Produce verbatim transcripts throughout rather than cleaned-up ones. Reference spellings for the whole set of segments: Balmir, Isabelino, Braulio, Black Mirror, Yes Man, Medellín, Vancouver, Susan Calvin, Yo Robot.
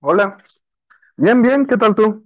Hola, bien, bien, ¿qué tal tú?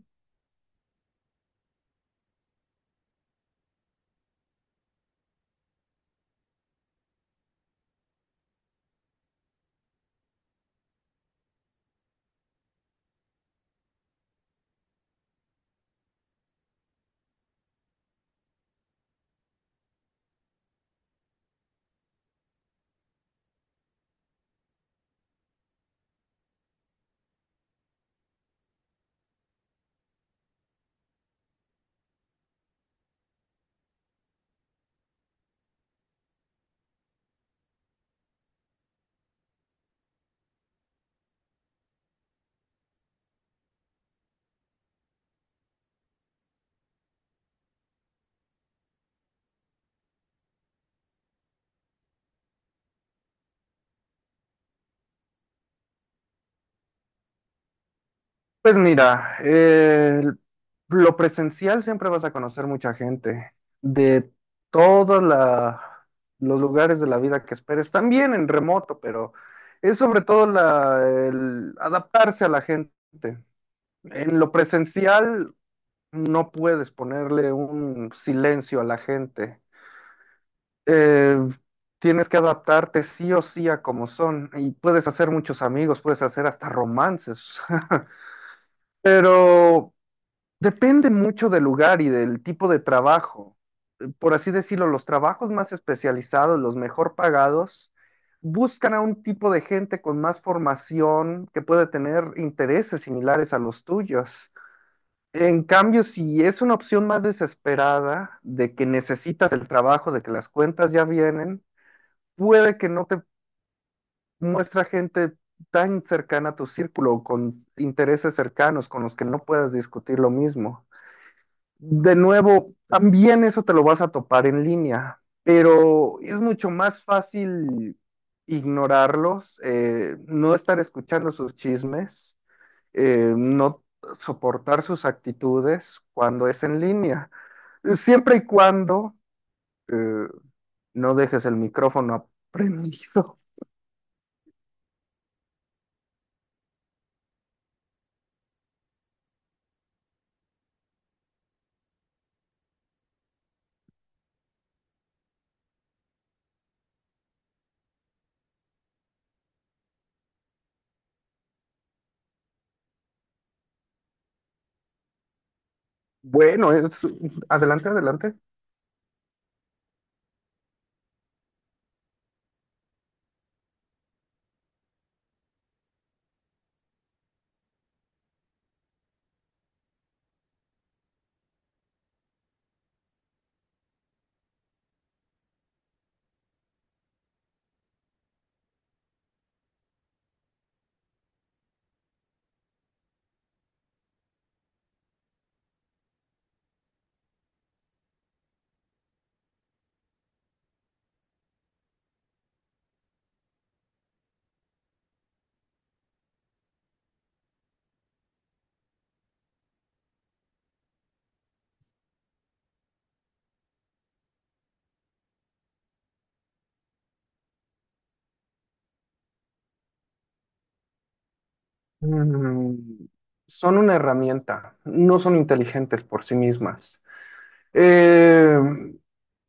Pues mira, eh, lo presencial siempre vas a conocer mucha gente de todos los lugares de la vida que esperes, también en remoto, pero es sobre todo la, el adaptarse a la gente. En lo presencial no puedes ponerle un silencio a la gente. Eh, tienes que adaptarte sí o sí a como son y puedes hacer muchos amigos, puedes hacer hasta romances. Pero depende mucho del lugar y del tipo de trabajo. Por así decirlo, los trabajos más especializados, los mejor pagados, buscan a un tipo de gente con más formación que puede tener intereses similares a los tuyos. En cambio, si es una opción más desesperada de que necesitas el trabajo, de que las cuentas ya vienen, puede que no te muestra gente tan cercana a tu círculo, o con intereses cercanos con los que no puedas discutir lo mismo. De nuevo, también eso te lo vas a topar en línea, pero es mucho más fácil ignorarlos, eh, no estar escuchando sus chismes, eh, no soportar sus actitudes cuando es en línea, siempre y cuando eh, no dejes el micrófono prendido. Bueno, es- adelante, adelante. Mm, son una herramienta, no son inteligentes por sí mismas. Eh,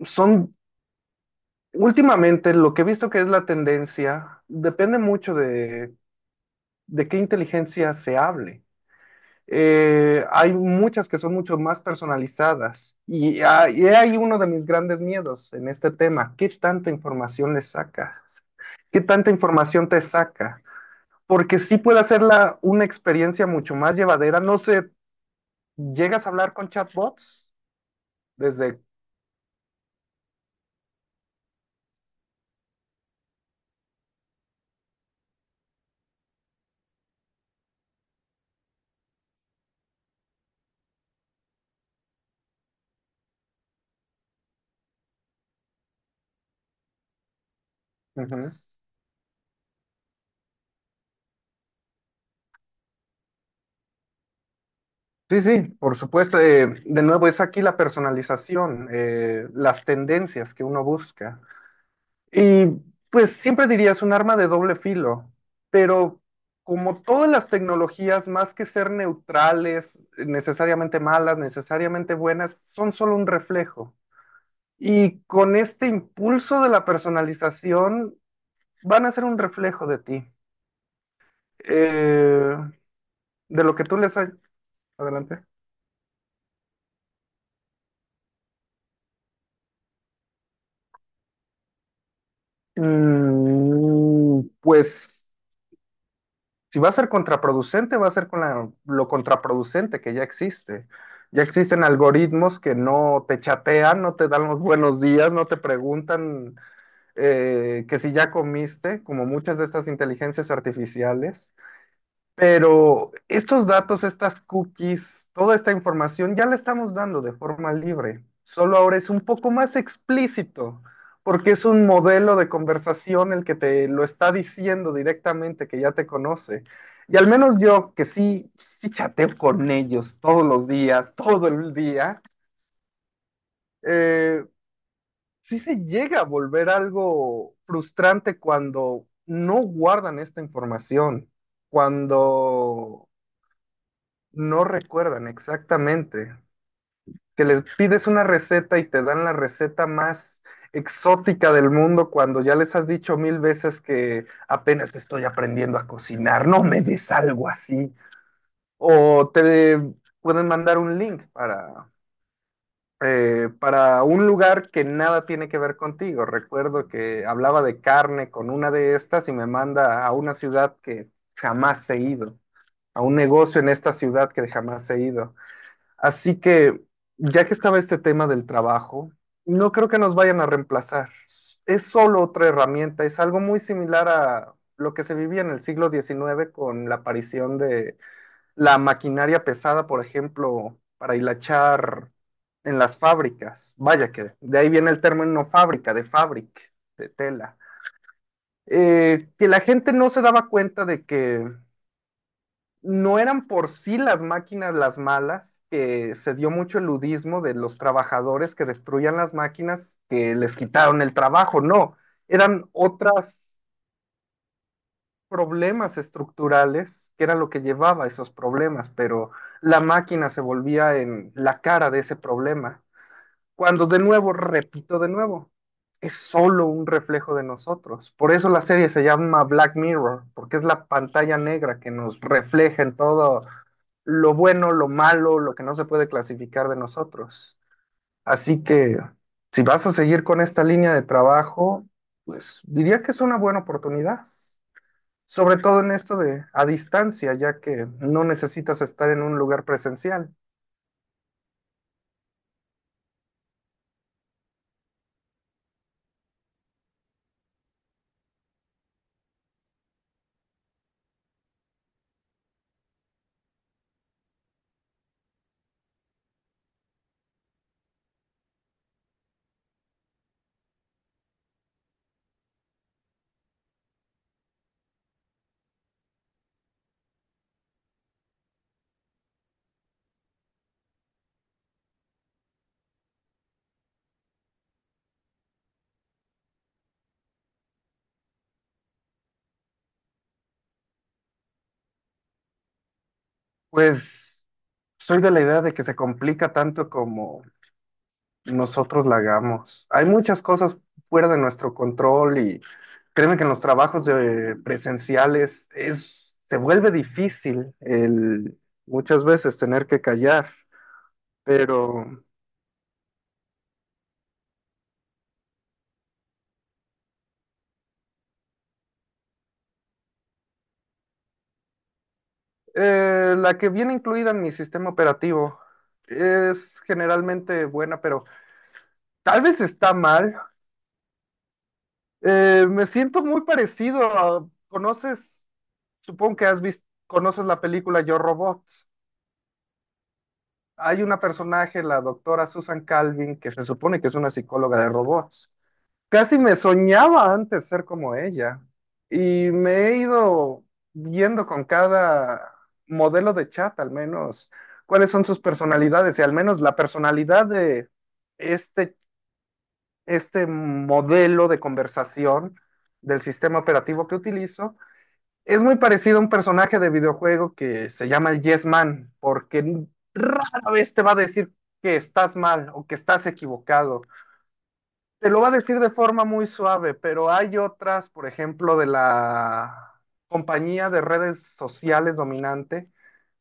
son últimamente lo que he visto que es la tendencia, depende mucho de, de qué inteligencia se hable. Eh, hay muchas que son mucho más personalizadas y hay ahí uno de mis grandes miedos en este tema. ¿Qué tanta información le sacas? ¿Qué tanta información te saca? Porque sí puede hacerla una experiencia mucho más llevadera. No sé, ¿llegas a hablar con chatbots? Desde... Ujú. Sí, sí, por supuesto. Eh, de nuevo, es aquí la personalización, eh, las tendencias que uno busca. Y pues siempre diría es un arma de doble filo, pero como todas las tecnologías, más que ser neutrales, necesariamente malas, necesariamente buenas, son solo un reflejo. Y con este impulso de la personalización, van a ser un reflejo de ti, eh, de lo que tú les... ha- Adelante. Mm, pues... si va a ser contraproducente, va a ser con la- lo contraproducente que ya existe. Ya existen algoritmos que no te chatean, no te dan los buenos días, no te preguntan eh, que si ya comiste, como muchas de estas inteligencias artificiales. Pero estos datos, estas cookies, toda esta información ya la estamos dando de forma libre. Solo ahora es un poco más explícito, porque es un modelo de conversación el que te lo está diciendo directamente, que ya te conoce. Y al menos yo, que sí, sí chateo con ellos todos los días, todo el día, eh, sí se llega a volver algo frustrante cuando no guardan esta información, cuando no recuerdan exactamente. Que les pides una receta y te dan la receta más exótica del mundo cuando ya les has dicho mil veces que apenas estoy aprendiendo a cocinar, no me des algo así. O te pueden mandar un link para, eh, para un lugar que nada tiene que ver contigo. Recuerdo que hablaba de carne con una de estas y me manda a una ciudad que jamás he ido, a un negocio en esta ciudad que jamás he ido. Así que, ya que estaba este tema del trabajo, no creo que nos vayan a reemplazar. Es solo otra herramienta, es algo muy similar a lo que se vivía en el siglo diecinueve con la aparición de la maquinaria pesada, por ejemplo, para hilachar en las fábricas. Vaya que de ahí viene el término fábrica, de fabric, de tela. Eh, que la gente no se daba cuenta de que no eran por sí las máquinas las malas, que se dio mucho el ludismo de los trabajadores que destruían las máquinas, que les quitaron el trabajo, no, eran otros problemas estructurales que era lo que llevaba a esos problemas, pero la máquina se volvía en la cara de ese problema. Cuando de nuevo, repito de nuevo, es solo un reflejo de nosotros. Por eso la serie se llama Black Mirror, porque es la pantalla negra que nos refleja en todo lo bueno, lo malo, lo que no se puede clasificar de nosotros. Así que si vas a seguir con esta línea de trabajo, pues diría que es una buena oportunidad, sobre todo en esto de a distancia, ya que no necesitas estar en un lugar presencial. Pues soy de la idea de que se complica tanto como nosotros la hagamos. Hay muchas cosas fuera de nuestro control y créeme que en los trabajos de presenciales es, se vuelve difícil el muchas veces tener que callar, pero eh, la que viene incluida en mi sistema operativo es generalmente buena, pero tal vez está mal. Eh, me siento muy parecido a, ¿conoces? Supongo que has visto, conoces la película Yo Robot. Hay una personaje, la doctora Susan Calvin, que se supone que es una psicóloga de robots. Casi me soñaba antes ser como ella. Y me he ido viendo con cada modelo de chat, al menos, cuáles son sus personalidades. Y al menos la personalidad de este, este modelo de conversación del sistema operativo que utilizo es muy parecido a un personaje de videojuego que se llama el Yes Man, porque rara vez te va a decir que estás mal o que estás equivocado. Te lo va a decir de forma muy suave, pero hay otras, por ejemplo, de la compañía de redes sociales dominante,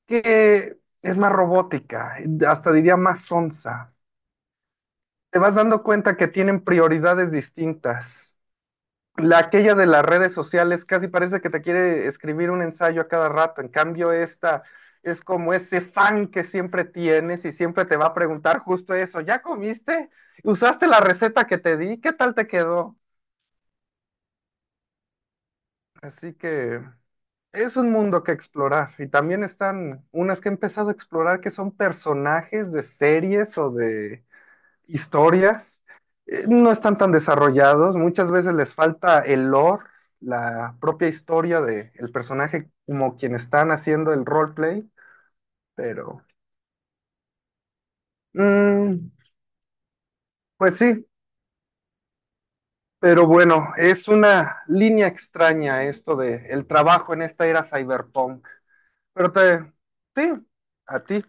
que es más robótica, hasta diría más sonsa. Te vas dando cuenta que tienen prioridades distintas. La aquella de las redes sociales casi parece que te quiere escribir un ensayo a cada rato. En cambio, esta es como ese fan que siempre tienes y siempre te va a preguntar justo eso. ¿Ya comiste? ¿Usaste la receta que te di? ¿Qué tal te quedó? Así que es un mundo que explorar. Y también están unas que he empezado a explorar que son personajes de series o de historias, eh, no están tan desarrollados, muchas veces les falta el lore, la propia historia del personaje como quien están haciendo el roleplay, pero mm, pues sí, pero bueno, es una línea extraña esto de el trabajo en esta era cyberpunk. Pero te, sí, a ti,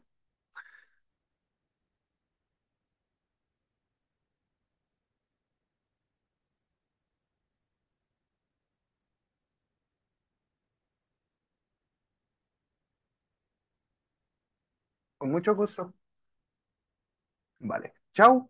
con mucho gusto. Vale, chao.